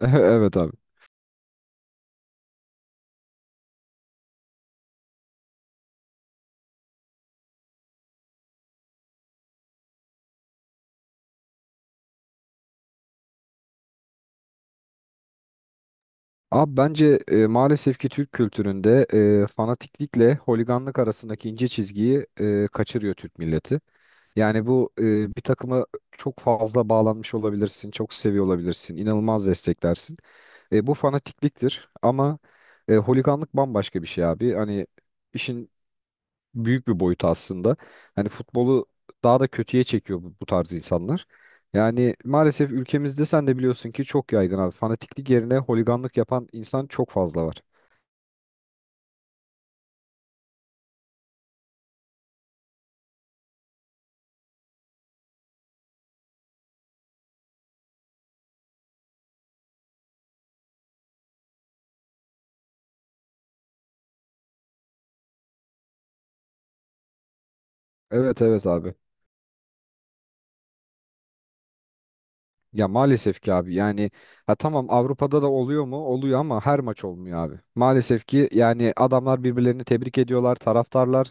Evet abi. Abi bence maalesef ki Türk kültüründe fanatiklikle holiganlık arasındaki ince çizgiyi kaçırıyor Türk milleti. Yani bu bir takıma çok fazla bağlanmış olabilirsin, çok seviyor olabilirsin, inanılmaz desteklersin. Bu fanatikliktir ama holiganlık bambaşka bir şey abi. Hani işin büyük bir boyut aslında. Hani futbolu daha da kötüye çekiyor bu tarz insanlar. Yani maalesef ülkemizde sen de biliyorsun ki çok yaygın abi. Fanatiklik yerine holiganlık yapan insan çok fazla var. Evet evet abi. Ya maalesef ki abi yani ha tamam Avrupa'da da oluyor mu? Oluyor ama her maç olmuyor abi. Maalesef ki yani adamlar birbirlerini tebrik ediyorlar, taraftarlar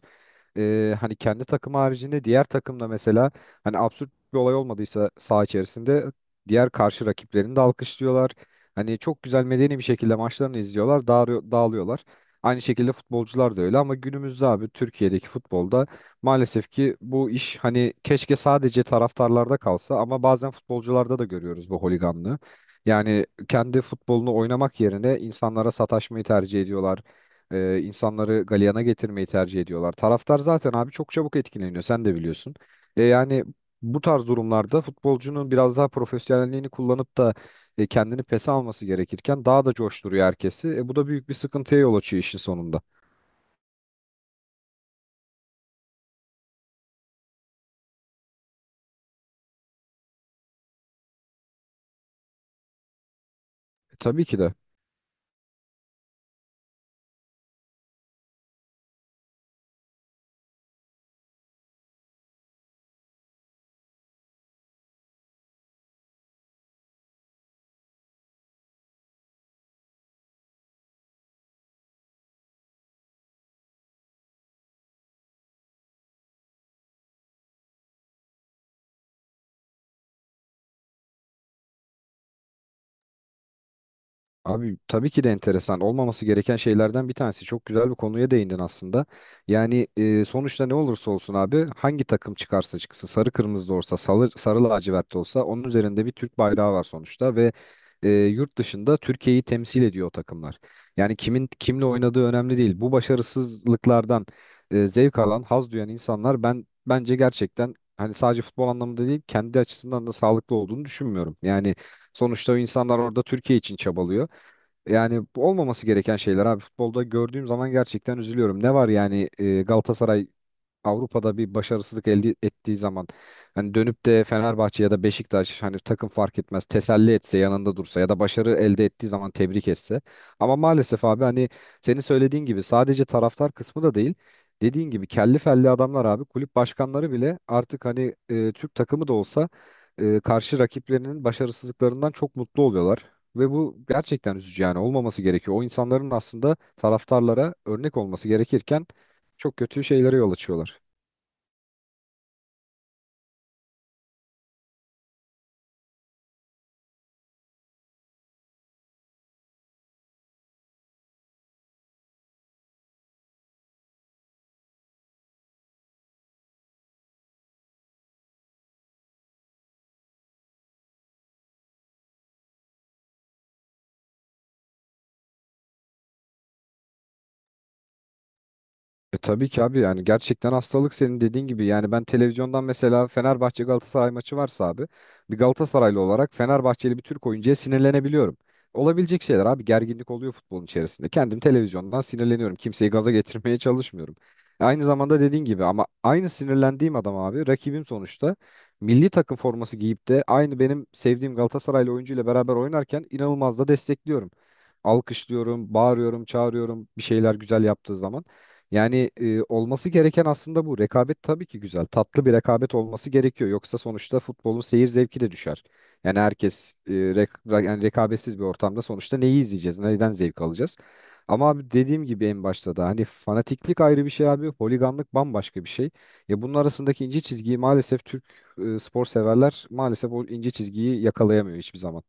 hani kendi takım haricinde diğer takımda mesela hani absürt bir olay olmadıysa saha içerisinde diğer karşı rakiplerini de alkışlıyorlar. Hani çok güzel medeni bir şekilde maçlarını izliyorlar, dağılıyorlar. Aynı şekilde futbolcular da öyle ama günümüzde abi Türkiye'deki futbolda maalesef ki bu iş hani keşke sadece taraftarlarda kalsa ama bazen futbolcularda da görüyoruz bu holiganlığı. Yani kendi futbolunu oynamak yerine insanlara sataşmayı tercih ediyorlar. İnsanları galeyana getirmeyi tercih ediyorlar. Taraftar zaten abi çok çabuk etkileniyor sen de biliyorsun. Yani bu tarz durumlarda futbolcunun biraz daha profesyonelliğini kullanıp da kendini pes alması gerekirken daha da coşturuyor herkesi. E, bu da büyük bir sıkıntıya yol açıyor işin sonunda. E, tabii ki de. Abi tabii ki de enteresan. Olmaması gereken şeylerden bir tanesi. Çok güzel bir konuya değindin aslında. Yani sonuçta ne olursa olsun abi hangi takım çıkarsa çıksın sarı kırmızı da olsa sarı, sarı lacivert de olsa onun üzerinde bir Türk bayrağı var sonuçta ve yurt dışında Türkiye'yi temsil ediyor o takımlar. Yani kimin kimle oynadığı önemli değil. Bu başarısızlıklardan zevk alan, haz duyan insanlar ben bence gerçekten hani sadece futbol anlamında değil kendi açısından da sağlıklı olduğunu düşünmüyorum. Yani sonuçta o insanlar orada Türkiye için çabalıyor. Yani bu olmaması gereken şeyler abi futbolda gördüğüm zaman gerçekten üzülüyorum. Ne var yani Galatasaray Avrupa'da bir başarısızlık elde ettiği zaman hani dönüp de Fenerbahçe ya da Beşiktaş hani takım fark etmez teselli etse yanında dursa ya da başarı elde ettiği zaman tebrik etse. Ama maalesef abi hani senin söylediğin gibi sadece taraftar kısmı da değil. Dediğin gibi kelli felli adamlar abi kulüp başkanları bile artık hani Türk takımı da olsa karşı rakiplerinin başarısızlıklarından çok mutlu oluyorlar. Ve bu gerçekten üzücü yani olmaması gerekiyor. O insanların aslında taraftarlara örnek olması gerekirken çok kötü şeylere yol açıyorlar. E tabii ki abi yani gerçekten hastalık senin dediğin gibi yani ben televizyondan mesela Fenerbahçe Galatasaray maçı varsa abi bir Galatasaraylı olarak Fenerbahçeli bir Türk oyuncuya sinirlenebiliyorum. Olabilecek şeyler abi gerginlik oluyor futbolun içerisinde. Kendim televizyondan sinirleniyorum. Kimseyi gaza getirmeye çalışmıyorum. Aynı zamanda dediğin gibi ama aynı sinirlendiğim adam abi rakibim sonuçta milli takım forması giyip de aynı benim sevdiğim Galatasaraylı oyuncuyla beraber oynarken inanılmaz da destekliyorum. Alkışlıyorum, bağırıyorum, çağırıyorum bir şeyler güzel yaptığı zaman. Yani olması gereken aslında bu. Rekabet tabii ki güzel. Tatlı bir rekabet olması gerekiyor. Yoksa sonuçta futbolun seyir zevki de düşer. Yani herkes yani rekabetsiz bir ortamda sonuçta neyi izleyeceğiz, neyden zevk alacağız? Ama abi dediğim gibi en başta da hani fanatiklik ayrı bir şey abi, holiganlık bambaşka bir şey. Ya bunun arasındaki ince çizgiyi maalesef Türk spor severler maalesef o ince çizgiyi yakalayamıyor hiçbir zaman.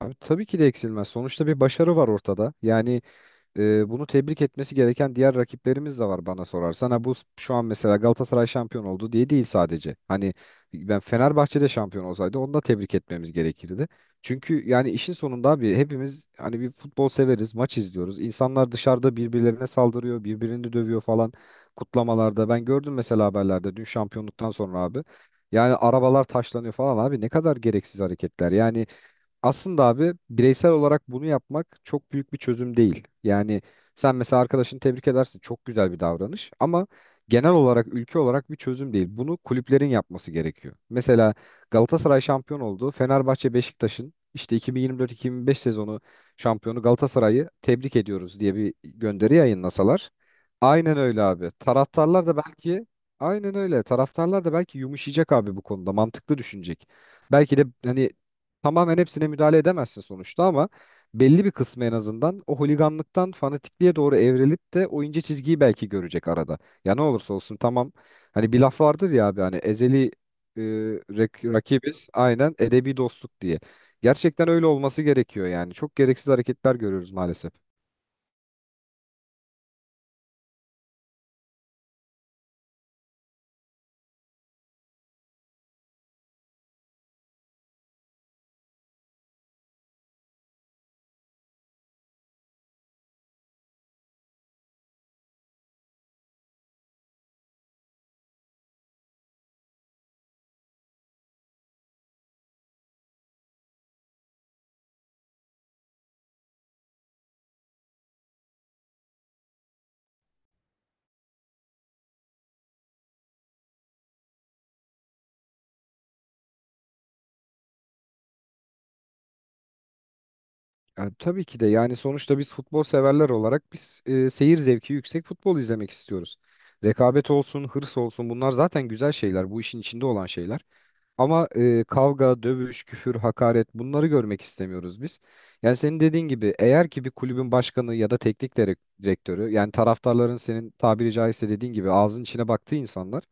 Abi tabii ki de eksilmez. Sonuçta bir başarı var ortada. Yani bunu tebrik etmesi gereken diğer rakiplerimiz de var bana sorarsan. Ha, şu an mesela Galatasaray şampiyon oldu diye değil sadece. Hani ben Fenerbahçe'de şampiyon olsaydı onu da tebrik etmemiz gerekirdi. Çünkü yani işin sonunda abi hepimiz hani bir futbol severiz, maç izliyoruz. İnsanlar dışarıda birbirlerine saldırıyor, birbirini dövüyor falan kutlamalarda. Ben gördüm mesela haberlerde dün şampiyonluktan sonra abi. Yani arabalar taşlanıyor falan abi ne kadar gereksiz hareketler. Yani aslında abi bireysel olarak bunu yapmak çok büyük bir çözüm değil. Yani sen mesela arkadaşını tebrik edersin. Çok güzel bir davranış ama genel olarak ülke olarak bir çözüm değil. Bunu kulüplerin yapması gerekiyor. Mesela Galatasaray şampiyon oldu. Fenerbahçe Beşiktaş'ın işte 2024-2025 sezonu şampiyonu Galatasaray'ı tebrik ediyoruz diye bir gönderi yayınlasalar. Aynen öyle abi. Taraftarlar da belki aynen öyle. Taraftarlar da belki yumuşayacak abi bu konuda. Mantıklı düşünecek. Belki de hani tamamen hepsine müdahale edemezsin sonuçta ama belli bir kısmı en azından o holiganlıktan fanatikliğe doğru evrilip de o ince çizgiyi belki görecek arada. Ya ne olursa olsun tamam hani bir laf vardır ya abi hani ezeli e, rakibiz aynen edebi dostluk diye. Gerçekten öyle olması gerekiyor yani. Çok gereksiz hareketler görüyoruz maalesef. Ya tabii ki de yani sonuçta biz futbol severler olarak biz seyir zevki yüksek futbol izlemek istiyoruz. Rekabet olsun, hırs olsun bunlar zaten güzel şeyler, bu işin içinde olan şeyler. Ama kavga, dövüş, küfür, hakaret bunları görmek istemiyoruz biz. Yani senin dediğin gibi eğer ki bir kulübün başkanı ya da direktörü yani taraftarların senin tabiri caizse dediğin gibi ağzın içine baktığı insanlar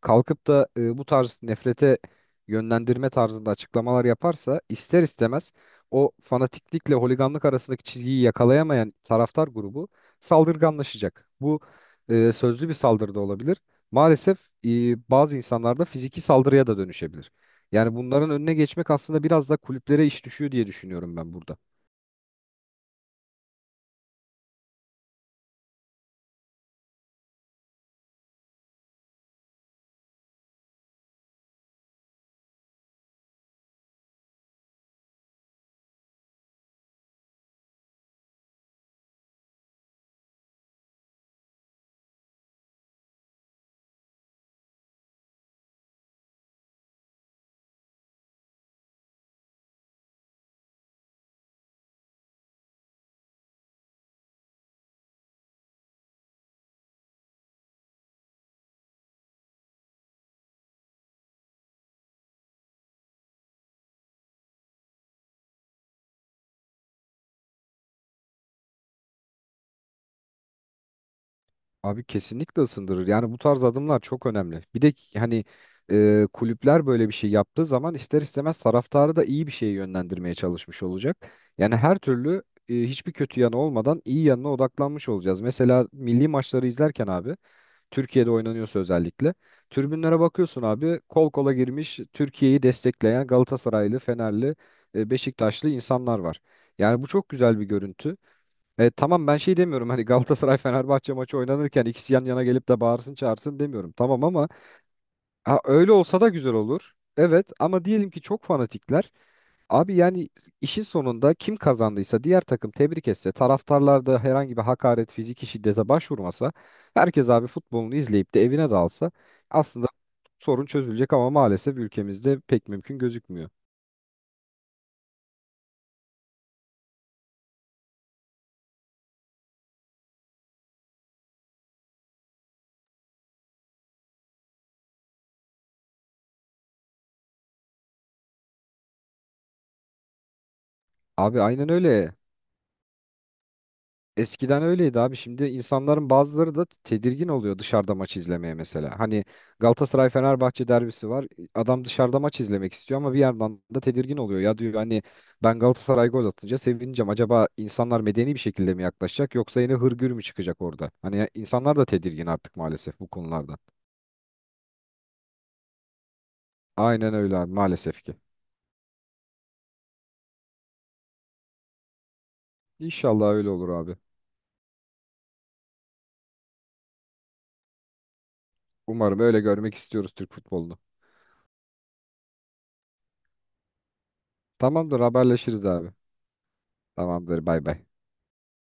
kalkıp da bu tarz nefrete yönlendirme tarzında açıklamalar yaparsa ister istemez o fanatiklikle holiganlık arasındaki çizgiyi yakalayamayan taraftar grubu saldırganlaşacak. Bu sözlü bir saldırı da olabilir. Maalesef e, bazı insanlarda fiziki saldırıya da dönüşebilir. Yani bunların önüne geçmek aslında biraz da kulüplere iş düşüyor diye düşünüyorum ben burada. Abi kesinlikle ısındırır. Yani bu tarz adımlar çok önemli. Bir de ki hani kulüpler böyle bir şey yaptığı zaman ister istemez taraftarı da iyi bir şeye yönlendirmeye çalışmış olacak. Yani her türlü hiçbir kötü yanı olmadan iyi yanına odaklanmış olacağız. Mesela milli maçları izlerken abi Türkiye'de oynanıyorsa özellikle tribünlere bakıyorsun abi kol kola girmiş Türkiye'yi destekleyen Galatasaraylı, Fenerli, Beşiktaşlı insanlar var. Yani bu çok güzel bir görüntü. E, tamam ben şey demiyorum hani Galatasaray Fenerbahçe maçı oynanırken ikisi yan yana gelip de bağırsın çağırsın demiyorum. Tamam ama ha, öyle olsa da güzel olur. Evet ama diyelim ki çok fanatikler. Abi yani işin sonunda kim kazandıysa diğer takım tebrik etse taraftarlar da herhangi bir hakaret fiziki şiddete başvurmasa herkes abi futbolunu izleyip de evine dalsa aslında sorun çözülecek ama maalesef ülkemizde pek mümkün gözükmüyor. Abi aynen öyle. Eskiden öyleydi abi. Şimdi insanların bazıları da tedirgin oluyor dışarıda maç izlemeye mesela. Hani Galatasaray Fenerbahçe derbisi var. Adam dışarıda maç izlemek istiyor ama bir yandan da tedirgin oluyor. Ya diyor hani ben Galatasaray gol atınca sevineceğim. Acaba insanlar medeni bir şekilde mi yaklaşacak yoksa yine hırgür mü çıkacak orada? Hani insanlar da tedirgin artık maalesef bu konulardan. Aynen öyle abi maalesef ki. İnşallah öyle olur abi. Umarım öyle görmek istiyoruz Türk futbolunu. Tamamdır haberleşiriz abi. Tamamdır bay bay.